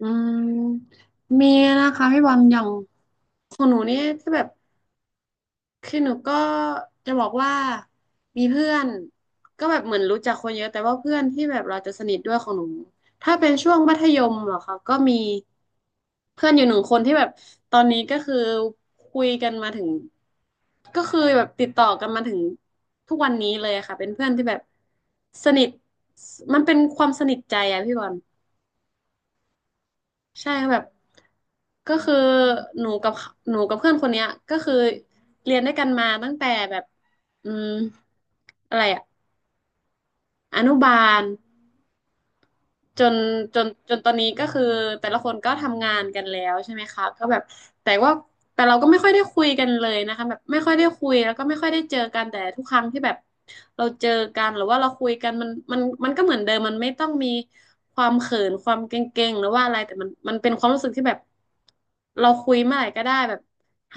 อืมมีนะคะพี่บอลอย่างของหนูนี่ก็แบบคือหนูก็จะบอกว่ามีเพื่อนก็แบบเหมือนรู้จักคนเยอะแต่ว่าเพื่อนที่แบบเราจะสนิทด้วยของหนูถ้าเป็นช่วงมัธยมเหรอคะก็มีเพื่อนอยู่หนึ่งคนที่แบบตอนนี้ก็คือคุยกันมาถึงก็คือแบบติดต่อกันมาถึงทุกวันนี้เลยค่ะเป็นเพื่อนที่แบบสนิทมันเป็นความสนิทใจอะพี่บอล ใช่แบบก็คือหนูกับเหนูกับเพื่อนคนเนี้ยก็คือเรียนด้วยกันมาตั้งแต่แบบอืมอะไรอะอนุบาล จนจนตอนนี้ก็คือแต่ละคนก็ทำงานกันแล้วใช่ไหมคะก็แบบแต่ว่าแต่เราก็ไม่ค่อยได้คุยกันเลยนะคะแบบไม่ค่อยได้คุยแล้วก็ไม่ค่อยได้เจอกันแต่ทุกครั้งที่แบบเราเจอกันหรือว่าเราคุยกันมันก็เหมือนเดิมมันไม่ต้องมีความเขินความเกรงๆหรือว่าอะไรแต่มันเป็นความรู้สึกที่แบบเราคุยเมื่อไหร่ก็ได้แบบ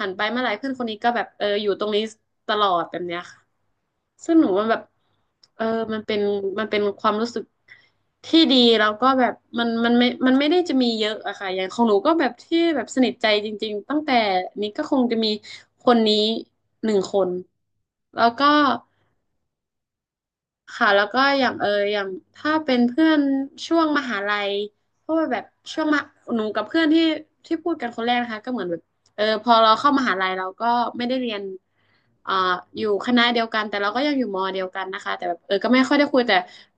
หันไปเมื่อไหร่เพื่อนคนนี้ก็แบบเอออยู่ตรงนี้ตลอดแบบเนี้ยค่ะ ซึ่งหนูมันแบบเออมันเป็นมันเป็นความรู้สึกที่ดีแล้วก็แบบมันไม่ได้จะมีเยอะอะค่ะอย่างของหนูก็แบบที่แบบสนิทใจจริงๆตั้งแต่นี้ก็คงจะมีคนนี้หนึ่งคนแล้วก็ ค่ะแล้วก็อย่างเอออย่างถ้าเป็นเพื่อนช่วงมหาลัยเพราะว่าแบบช่วงมหาหนูกับเพื่อนที่พูดกันคนแรกนะคะก็เหมือนแบบเออพอเราเข้ามหาลัยเราก็ไม่ได้เรียนอ่าอยู่คณะเดียวกันแต่เราก็ยังอยู่มอเดียวกันนะคะแต่แบบเออก็ไม่ค่อยได้คุยแต่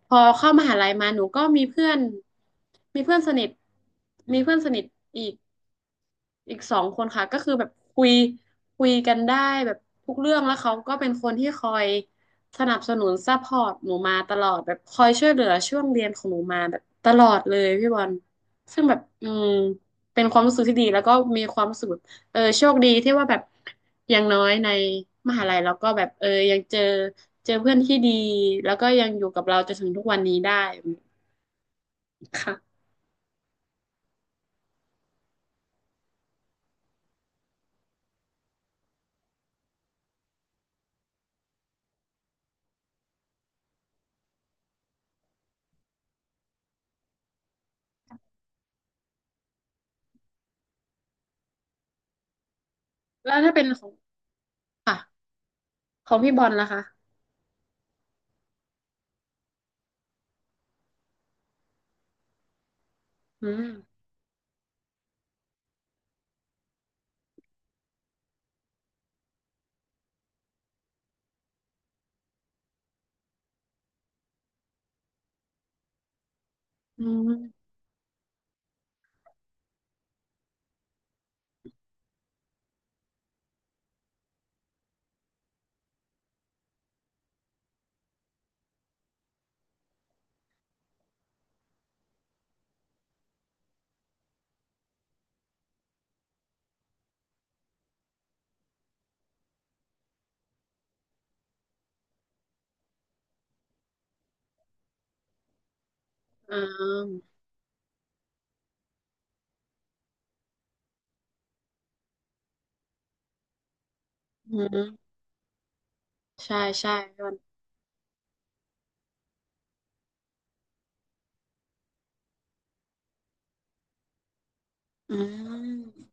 พอเข้ามหาลัยมาหนูก็มีเพื่อนมีเพื่อนสนิทมีเพื่อนสนิทอีก อีกสองคนค่ะก็คือแบบคุยคุยกันได้แบบทุกเรื่องแล้วเขาก็เป็นคนที่คอยสนับสนุนซัพพอร์ตหนูมาตลอดแบบคอยช่วยเหลือช่วงเรียนของหนูมาแบบตลอดเลยพี่บอลซึ่งแบบเป็นความรู้สึกที่ดีแล้วก็มีความรู้สึกแบบเออโชคดีที่ว่าแบบอย่างน้อยในมหาลัยแล้วก็แบบเออยังเจอเพื่อนที่ดีแล้วก็ยังอยู่กับเราจนถึงทุกวันนี้ได้ค่ะแล้วถ้าเป็นของค่ะของพี่บอลล่ะคะอืมอืม อ่าอืม ใช่ใช่พี่บอลอืม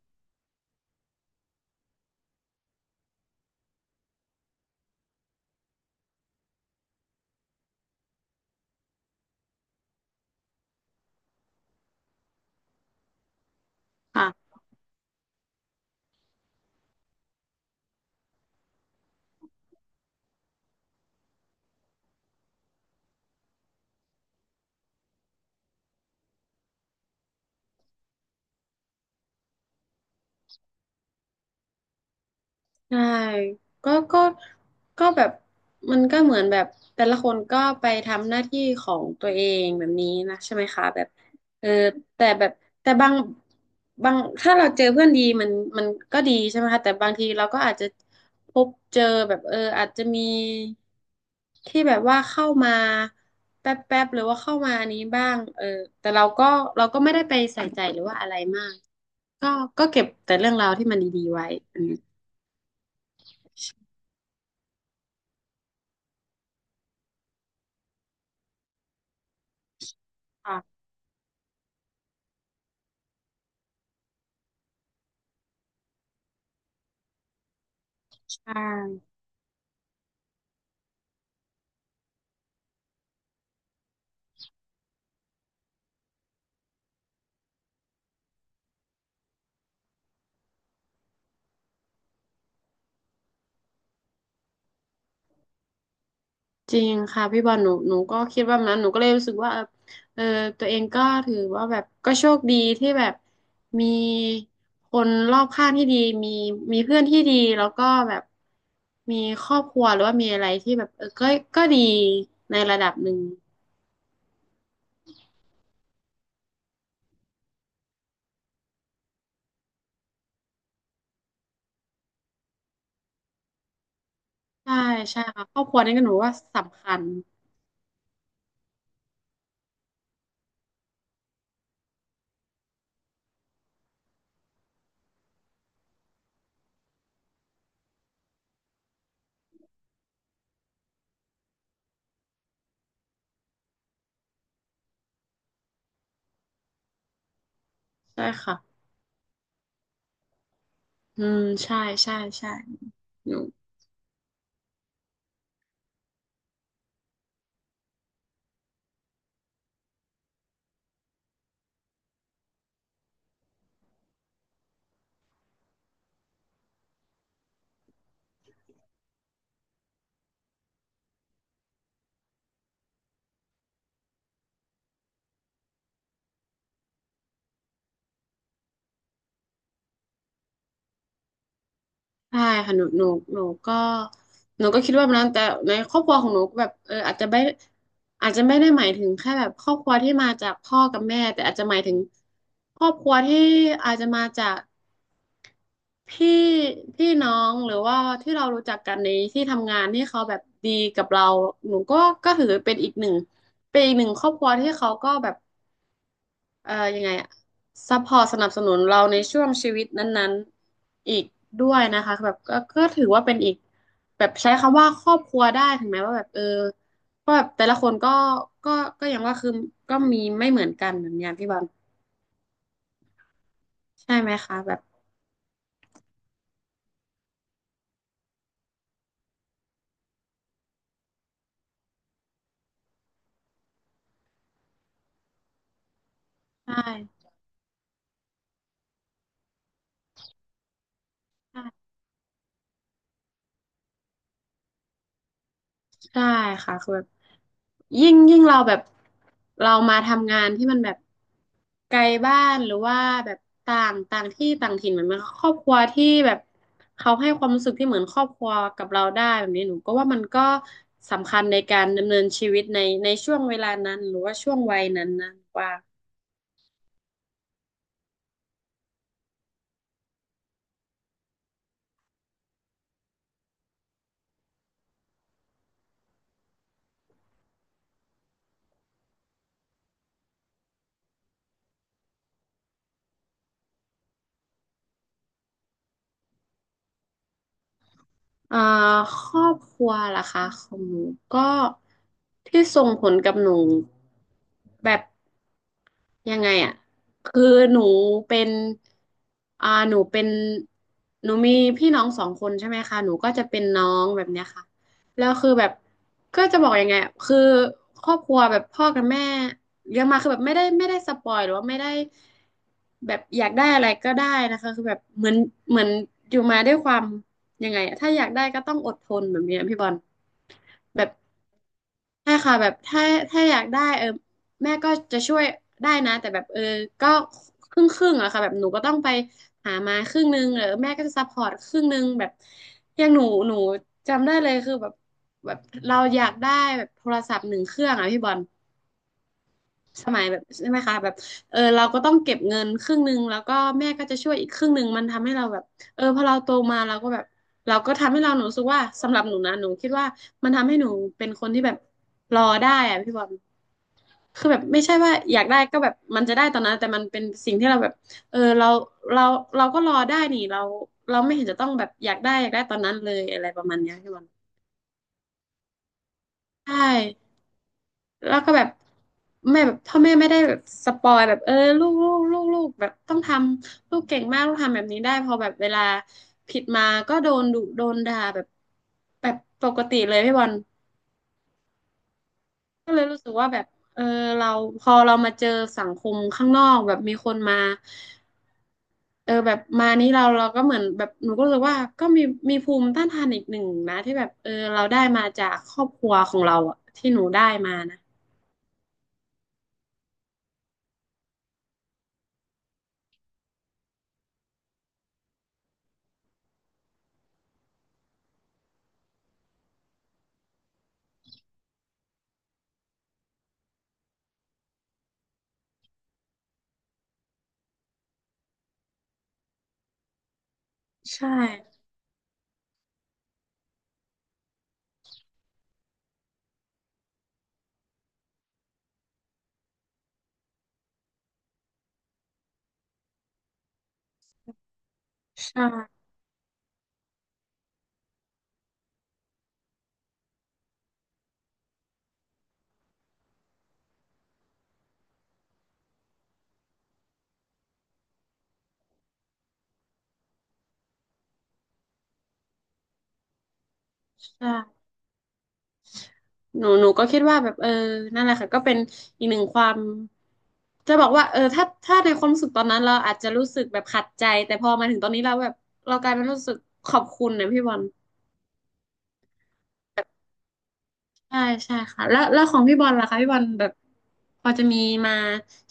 ค่ะ ใช่ก็แบบมันก็เหมือนแบบแต่ละคนก็ไปทำหน้าที่ของตัวเองแบบนี้นะใช่ไหมคะแบบเออแต่แบบแต่บางบางถ้าเราเจอเพื่อนดีมันก็ดีใช่ไหมคะแต่บางทีเราก็อาจจะพบเจอแบบเอออาจจะมีที่แบบว่าเข้ามาแป๊บแป๊บหรือว่าเข้ามาอันนี้บ้างเออแต่เราก็ไม่ได้ไปใส่ใจหรือว่าอะไรมากก็เก็บแต่เรื่องราวที่มันดีๆไว้อืม อ่าจริงค่ะพี่บอลหนูก็คิดว่าแบบนั้นหนูก็เลยรู้สึกว่าเออเออตัวเองก็ถือว่าแบบก็โชคดีที่แบบมีคนรอบข้างที่ดีมีมีเพื่อนที่ดีแล้วก็แบบมีครอบครัวหรือว่ามีอะไรที่แบบเออก็ดีในระดับหนึ่งใช่ใช่ค่ะครอบครัวนี่ก็หนูว่าสำคัญใช่ค่ะอืมใช่ใช่ใช่หนู ใช่ค่ะหนูก็คิดว่าแบบนั้นแต่ในครอบครัวของหนูก็แบบเอออาจจะไม่อาจจะไม่ได้หมายถึงแค่แบบครอบครัวที่มาจากพ่อกับแม่แต่อาจจะหมายถึงครอบครัวที่อาจจะมาจากพี่พี่น้องหรือว่าที่เรารู้จักกันในที่ทำงานที่เขาแบบดีกับเราหนูก็ก็ถือเป็นอีกหนึ่งเป็นอีกหนึ่งครอบครัวที่เขาก็แบบ ยังไงอะซัพพอร์ตสนับสนุนเราในช่วงชีวิตนั้นๆอีกด้วยนะคะแบบก็ก็ถือว่าเป็นอีกแบบใช้คำว่าครอบครัวได้ถึงแม้ว่าแบบเออก็แบบแต่ละคนก็ก็อย่างว่าคือก็มีไม่เหมือนกันเหมือนอย่างที่บอลใช่ไหมคะแบบใช่ใช่ใช่ค่ะคือแบบ ยิ่งเราแบบเรามาทำงานที่มันแบบไกลบ้านหรือว่าแบบต่างต่างที่ต่างถิ่นเหมือนมันครอบครัวที่แบบเขาให้ความรู้สึกที่เหมือนครอบครัวกับเราได้แบบนี้หนูก็ว่ามันก็สำคัญในการดำเนินชีวิตในช่วงเวลานั้นหรือว่าช่วงวัยนั้นนะว่าอ่าครอบครัวล่ะคะของหนูก็ที่ส่งผลกับหนูแบบ ยังไงอ่ะคือหนูเป็นอ่าหนูเป็นหนูมีพี่น้องสองคนใช่ไหมคะ หนูก็จะเป็นน้องแบบเนี้ยค่ะแล้วคือแบบก็จะบอกยังไงอะคือครอบครัวแบบพ่อกับแม่เลี้ยงมาคือแบบไม่ได้สปอยหรือว่าไม่ได้แบบอยากได้อะไรก็ได้นะคะคือแบบเหมือนอยู่มาด้วยความยังไงอะถ้าอยากได้ก็ต้องอดทนแบบเนี้ยพี่บอลแบบ ใช่ค่ะแบบถ้าอยากได้แม่ก็จะช่วยได้นะแต่แบบก็ครึ่งอะค่ะแบบหนูก็ต้องไปหามาครึ่งนึงแม่ก็จะซัพพอร์ตครึ่งนึงแบบอย่างหนูจำได้เลยคือแบบเราอยากได้แบบโทรศัพท์หนึ่งเครื่องอะพี่บอล สมัยแบบใช่ไหมคะแบบเราก็ต้องเก็บเงินครึ่งหนึ่งแล้วก็แม่ก็จะช่วยอีกครึ่งหนึ่งมันทำให้เราแบบพอเราโตมาเราก็แบบเราก็ทำให้เราหนูรู้สึกว่าสำหรับหนูนะหนูคิดว่ามันทำให้หนูเป็นคนที่แบบรอได้อะพี่บอลคือแบบไม่ใช่ว่าอยากได้ก็แบบมันจะได้ตอนนั้นแต่มันเป็นสิ่งที่เราแบบเออเราเราเราก็รอได้นี่เราไม่เห็นจะต้องแบบอยากได้ตอนนั้นเลยอะไรประมาณเนี้ยพี่บอลใช่ แล้วก็แบบพ่อแม่ไม่ได้แบบสปอยแบบลูกแบบต้องทำลูกเก่งมากลูกทำแบบนี้ได้พอแบบเวลาผิดมาก็โดนดุโดนด่าแบบปกติเลยพี่บอลก็เลยรู้สึกว่าแบบเออเราพอเรามาเจอสังคมข้างนอกแบบมีคนมาแบบมานี้เราก็เหมือนแบบหนูก็รู้สึกว่าก็มีมีภูมิต้านทานอีกหนึ่งนะที่แบบเราได้มาจากครอบครัวของเราอะที่หนูได้มานะใช่ใช่ ใช่หนูก็คิดว่าแบบนั่นแหละค่ะก็เป็นอีกหนึ่งความจะบอกว่าถ้าในความรู้สึกตอนนั้นเราอาจจะรู้สึกแบบขัดใจแต่พอมาถึงตอนนี้เราแบบเรากลายเป็นรู้สึกขอบคุณนะพี่บอลใช่ใช่ค่ะแล้วของพี่บอลล่ะคะพี่บอลแบบพอจะมีมา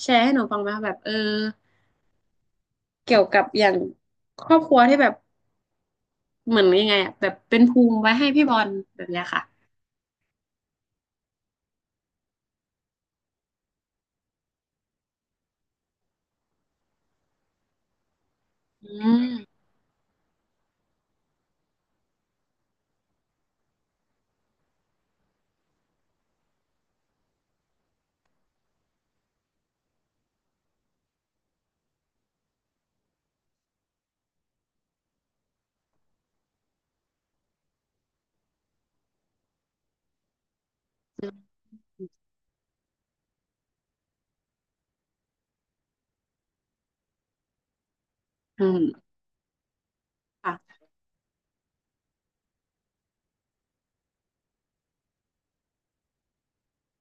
แชร์ให้หนูฟังไหมคะแบบเกี่ยวกับอย่างครอบครัวที่แบบเหมือนยังไงอะแบบเป็นภูมิไว้ให้พี่บอลแบบเนี้ยค่ะอืมอืมค่ะ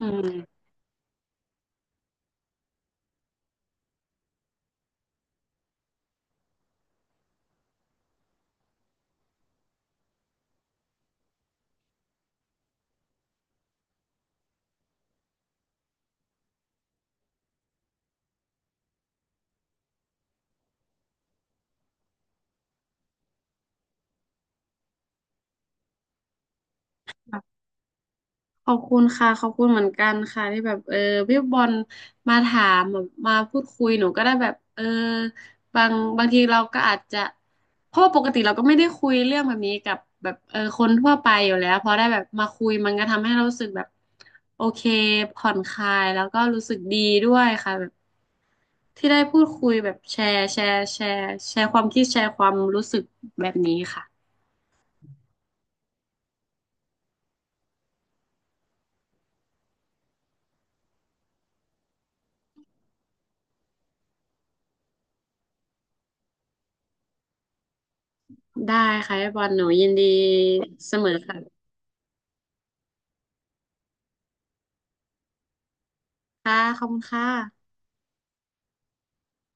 อืม ขอบคุณค่ะขอบคุณเหมือนกันค่ะที่แบบพี่บอลมาถามแบบมาพูดคุยหนูก็ได้แบบบางทีเราก็อาจจะเพราะว่าปกติเราก็ไม่ได้คุยเรื่องแบบนี้กับแบบคนทั่วไปอยู่แล้วพอได้แบบมาคุยมันก็ทำให้เรารู้สึกแบบโอเคผ่อนคลายแล้วก็รู้สึกดีด้วยค่ะแบบที่ได้พูดคุยแบบแชร์ความคิดแชร์ความรู้สึกแบบนี้ค่ะได้ค่ะพี่บอลหนูยินดีเสมอค่ะค่ะขอบคุณค่ะ